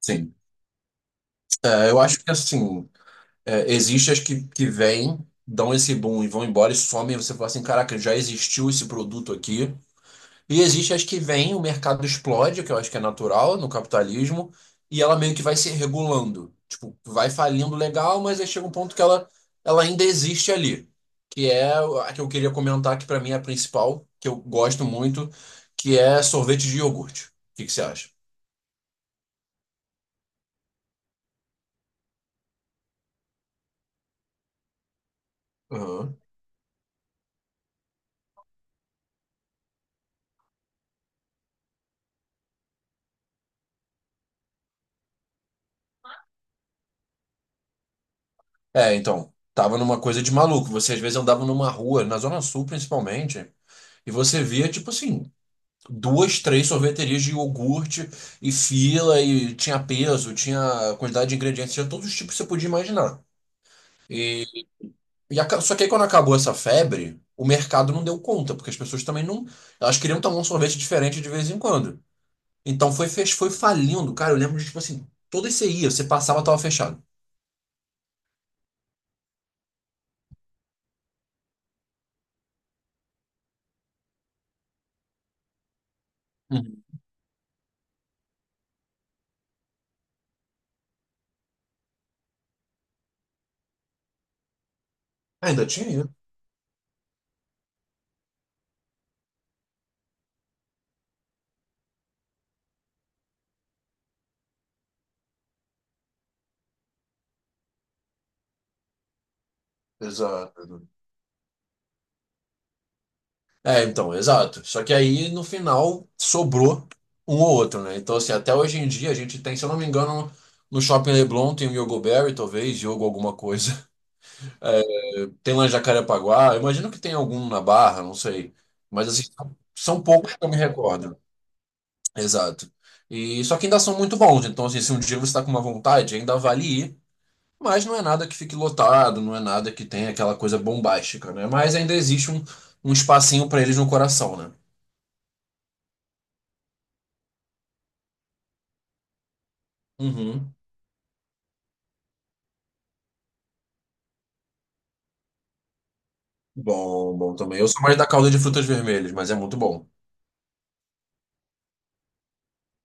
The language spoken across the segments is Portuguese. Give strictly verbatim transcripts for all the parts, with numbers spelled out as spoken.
Sim. É, eu acho que assim, é, existe as que, que vêm, dão esse boom e vão embora e somem, e você fala assim, caraca, já existiu esse produto aqui. E existe as que vêm, o mercado explode, que eu acho que é natural no capitalismo, e ela meio que vai se regulando. Tipo, vai falindo legal, mas aí chega um ponto que ela, ela ainda existe ali. Que é a que eu queria comentar, que pra mim é a principal, que eu gosto muito, que é sorvete de iogurte. O que que você acha? É, então, tava numa coisa de maluco. Você às vezes andava numa rua, na Zona Sul principalmente, e você via, tipo assim, duas, três sorveterias de iogurte e fila, e tinha peso, tinha quantidade de ingredientes, tinha todos os tipos que você podia imaginar. E, e aca- só que aí quando acabou essa febre, o mercado não deu conta, porque as pessoas também não. Elas queriam tomar um sorvete diferente de vez em quando. Então foi, fech- foi falindo, cara. Eu lembro de, tipo assim, toda você ia, você passava, tava fechado. Uhum. Ainda tinha isso. Exato. É, então, exato. Só que aí, no final, sobrou um ou outro, né? Então, assim, até hoje em dia a gente tem, se eu não me engano, no Shopping Leblon tem o Yogo Berry, talvez, Yogo alguma coisa. É, tem lá em Jacarepaguá, eu imagino que tem algum na Barra, não sei. Mas, assim, são são poucos que eu me recordo. Exato. E só que ainda são muito bons. Então, assim, se um dia você está com uma vontade, ainda vale ir. Mas não é nada que fique lotado, não é nada que tenha aquela coisa bombástica, né? Mas ainda existe um, um espacinho para eles no coração, né? Uhum. Bom, bom também. Eu sou mais da calda de frutas vermelhas, mas é muito bom.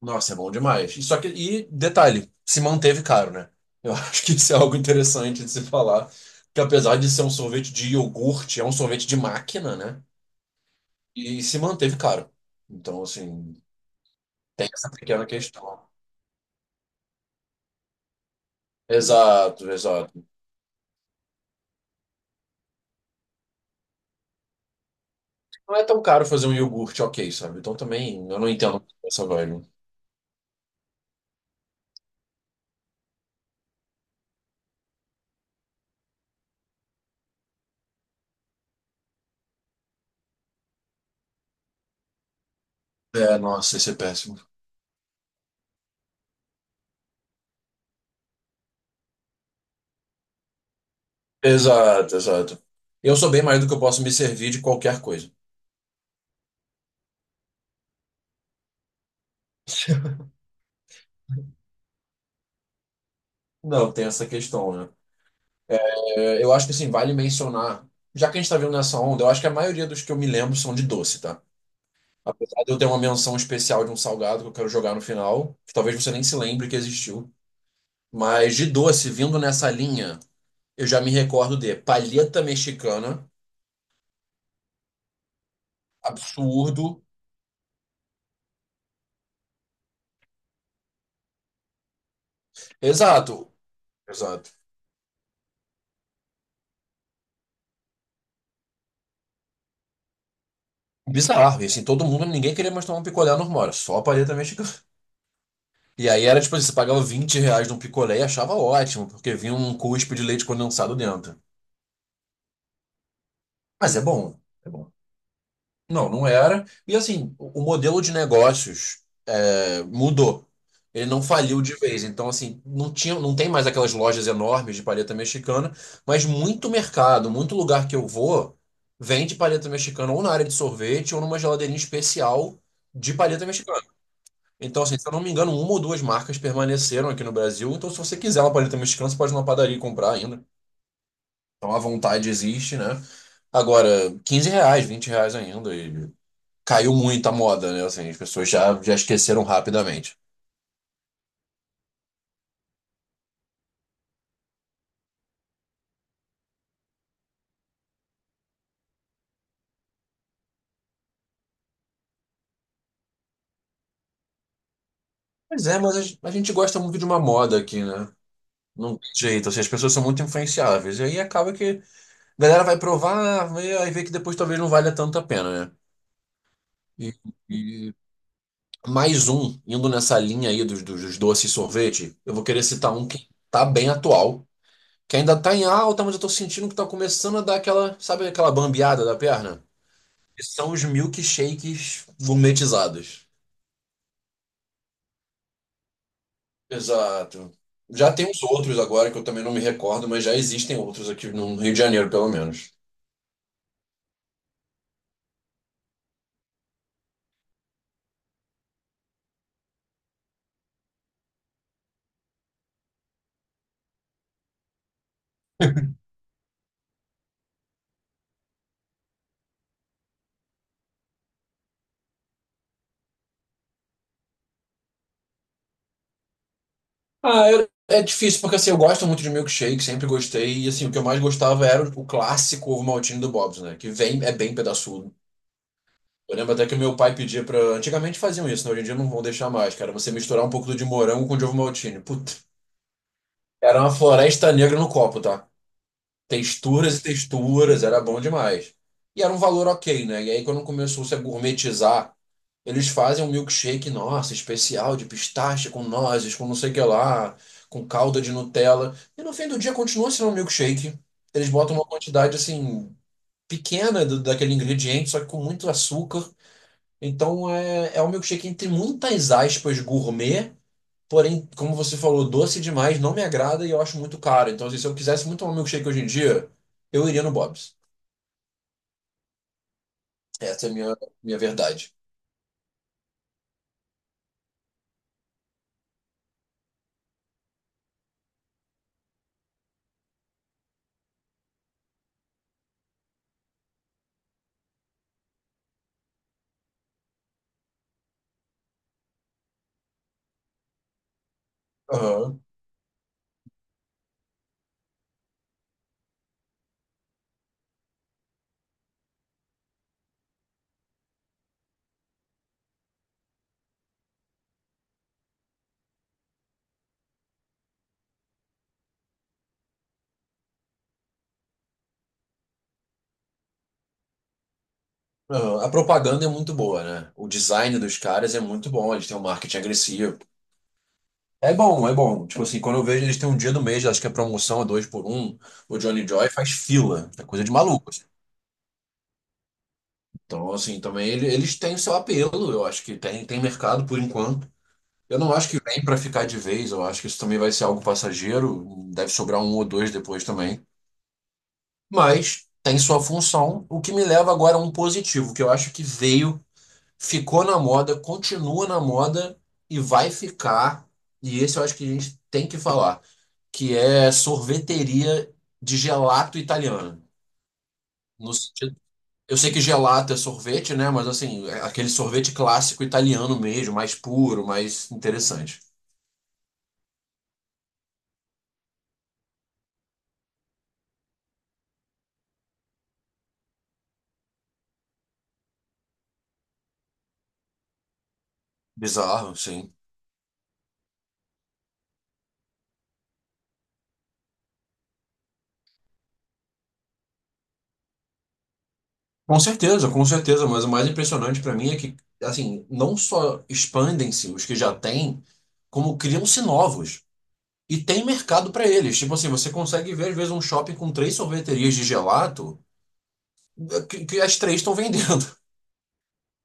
Nossa, é bom demais. E só que, e detalhe, se manteve caro, né? Eu acho que isso é algo interessante de se falar, que apesar de ser um sorvete de iogurte, é um sorvete de máquina, né? E se manteve caro. Então, assim, tem essa pequena questão. Exato, exato. Não é tão caro fazer um iogurte, ok, sabe? Então também eu não entendo essa vibe. É, nossa, isso é péssimo. Exato, exato. Eu sou bem mais do que eu posso me servir de qualquer coisa. Não, tem essa questão, né? É, eu acho que assim, vale mencionar, já que a gente tá vendo nessa onda, eu acho que a maioria dos que eu me lembro são de doce, tá? Apesar de eu ter uma menção especial de um salgado que eu quero jogar no final, que talvez você nem se lembre que existiu. Mas de doce, vindo nessa linha, eu já me recordo de palheta mexicana, absurdo. Exato, exato. Bizarro, e assim, todo mundo, ninguém queria mais tomar um picolé normal, era só a palheta mexicana. E aí era tipo assim, você pagava vinte reais num picolé e achava ótimo, porque vinha um cuspe de leite condensado dentro. Mas é bom, é bom. Não, não era. E assim, o o modelo de negócios é, mudou. Ele não faliu de vez. Então, assim, não tinha, não tem mais aquelas lojas enormes de paleta mexicana, mas muito mercado, muito lugar que eu vou, vende paleta mexicana ou na área de sorvete ou numa geladeirinha especial de paleta mexicana. Então, assim, se eu não me engano, uma ou duas marcas permaneceram aqui no Brasil. Então, se você quiser uma paleta mexicana, você pode ir numa padaria e comprar ainda. Então a vontade existe, né? Agora, quinze reais, vinte reais ainda. E caiu muito a moda, né? Assim, as pessoas já, já esqueceram rapidamente. Pois é, mas a gen- a gente gosta muito de uma moda aqui, né? Não tem jeito, assim, as pessoas são muito influenciáveis. E aí acaba que a galera vai provar, vê- aí vê que depois talvez não valha tanto a pena, né? E, Mais um, indo nessa linha aí dos, dos, dos doces e sorvete, eu vou querer citar um que tá bem atual, que ainda tá em alta, mas eu tô sentindo que tá começando a dar aquela, sabe aquela bambeada da perna? Que são os milkshakes gourmetizados. Exato. Já tem uns outros agora que eu também não me recordo, mas já existem outros aqui no Rio de Janeiro, pelo menos. Ah, eu- é difícil, porque assim, eu gosto muito de milkshake, sempre gostei, e assim, o que eu mais gostava era o clássico ovo maltine do Bob's, né? Que vem, é bem pedaçudo. Eu lembro até que meu pai pedia pra. Antigamente faziam isso, né? Hoje em dia não vão deixar mais, cara. Você misturar um pouco de morango com de ovo maltine. Puta. Era uma floresta negra no copo, tá? Texturas e texturas, era bom demais. E era um valor ok, né? E aí quando começou a gourmetizar, eles fazem um milkshake, nossa, especial, de pistache, com nozes, com não sei o que lá, com calda de Nutella. E no fim do dia continua sendo um milkshake. Eles botam uma quantidade, assim, pequena do- daquele ingrediente, só que com muito açúcar. Então é, é um milkshake entre muitas aspas gourmet, porém, como você falou, doce demais, não me agrada e eu acho muito caro. Então, assim, se eu quisesse muito tomar milkshake hoje em dia, eu iria no Bob's. Essa é a minha, minha verdade. Aham, aham. A propaganda é muito boa, né? O design dos caras é muito bom, eles têm um marketing agressivo. É bom, é bom. Tipo assim, quando eu vejo eles têm um dia do mês, acho que a promoção é dois por um, o Johnny Joy faz fila. É coisa de maluco, assim. Então, assim, também ele- eles têm o seu apelo, eu acho que tem, tem mercado por enquanto. Eu não acho que vem pra ficar de vez, eu acho que isso também vai ser algo passageiro, deve sobrar um ou dois depois também. Mas tem sua função, o que me leva agora a um positivo, que eu acho que veio, ficou na moda, continua na moda e vai ficar. E esse eu acho que a gente tem que falar, que é sorveteria de gelato italiana. No sentido, eu sei que gelato é sorvete, né? Mas assim, é aquele sorvete clássico italiano mesmo, mais puro, mais interessante. Bizarro, sim. Com certeza, com certeza, mas o mais impressionante para mim é que, assim, não só expandem-se os que já têm, como criam-se novos. E tem mercado para eles. Tipo assim, você consegue ver, às vezes, um shopping com três sorveterias de gelato é, que, que as três estão vendendo.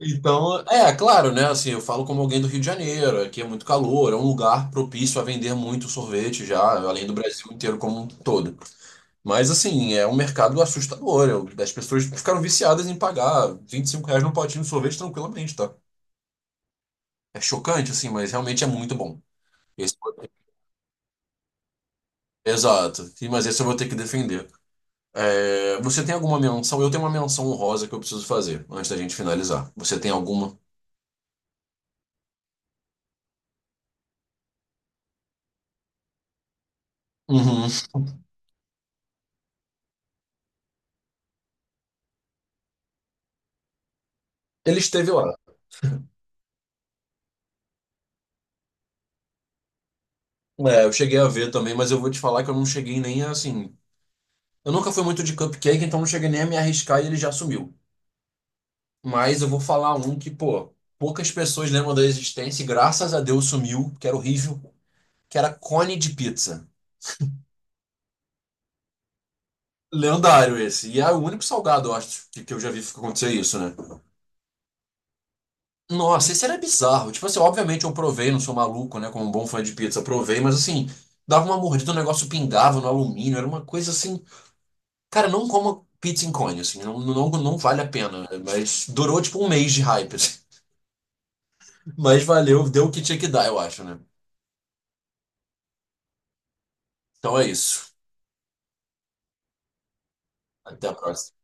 Então, é, é claro, né? Assim, eu falo como alguém do Rio de Janeiro, aqui é muito calor, é um lugar propício a vender muito sorvete já, além do Brasil inteiro como um todo. Mas assim, é um mercado assustador. Eu- As pessoas ficaram viciadas em pagar vinte e cinco reais num potinho de sorvete tranquilamente, tá? É chocante, assim, mas realmente é muito bom. Esse- Exato. E- Mas esse eu vou ter que defender. É, você tem alguma menção? Eu tenho uma menção honrosa que eu preciso fazer antes da gente finalizar. Você tem alguma? Uhum. Ele esteve lá. É, eu cheguei a ver também, mas eu vou te falar que eu não cheguei nem assim. Eu nunca fui muito de cupcake, então não cheguei nem a me arriscar e ele já sumiu. Mas eu vou falar um que, pô, poucas pessoas lembram da existência e graças a Deus sumiu, que era horrível, que era cone de pizza. Lendário esse. E é o único salgado, eu acho, que, que eu já vi acontecer isso, né? Nossa, esse era bizarro. Tipo assim, obviamente eu provei, não sou maluco, né? Como um bom fã de pizza, provei, mas assim, dava uma mordida, o negócio pingava no alumínio, era uma coisa assim. Cara, não coma pizza em cone, assim, não, não, não vale a pena, né? Mas durou tipo um mês de hype, assim. Mas valeu, deu o que tinha que dar, eu acho, né? Então é isso. Até a próxima.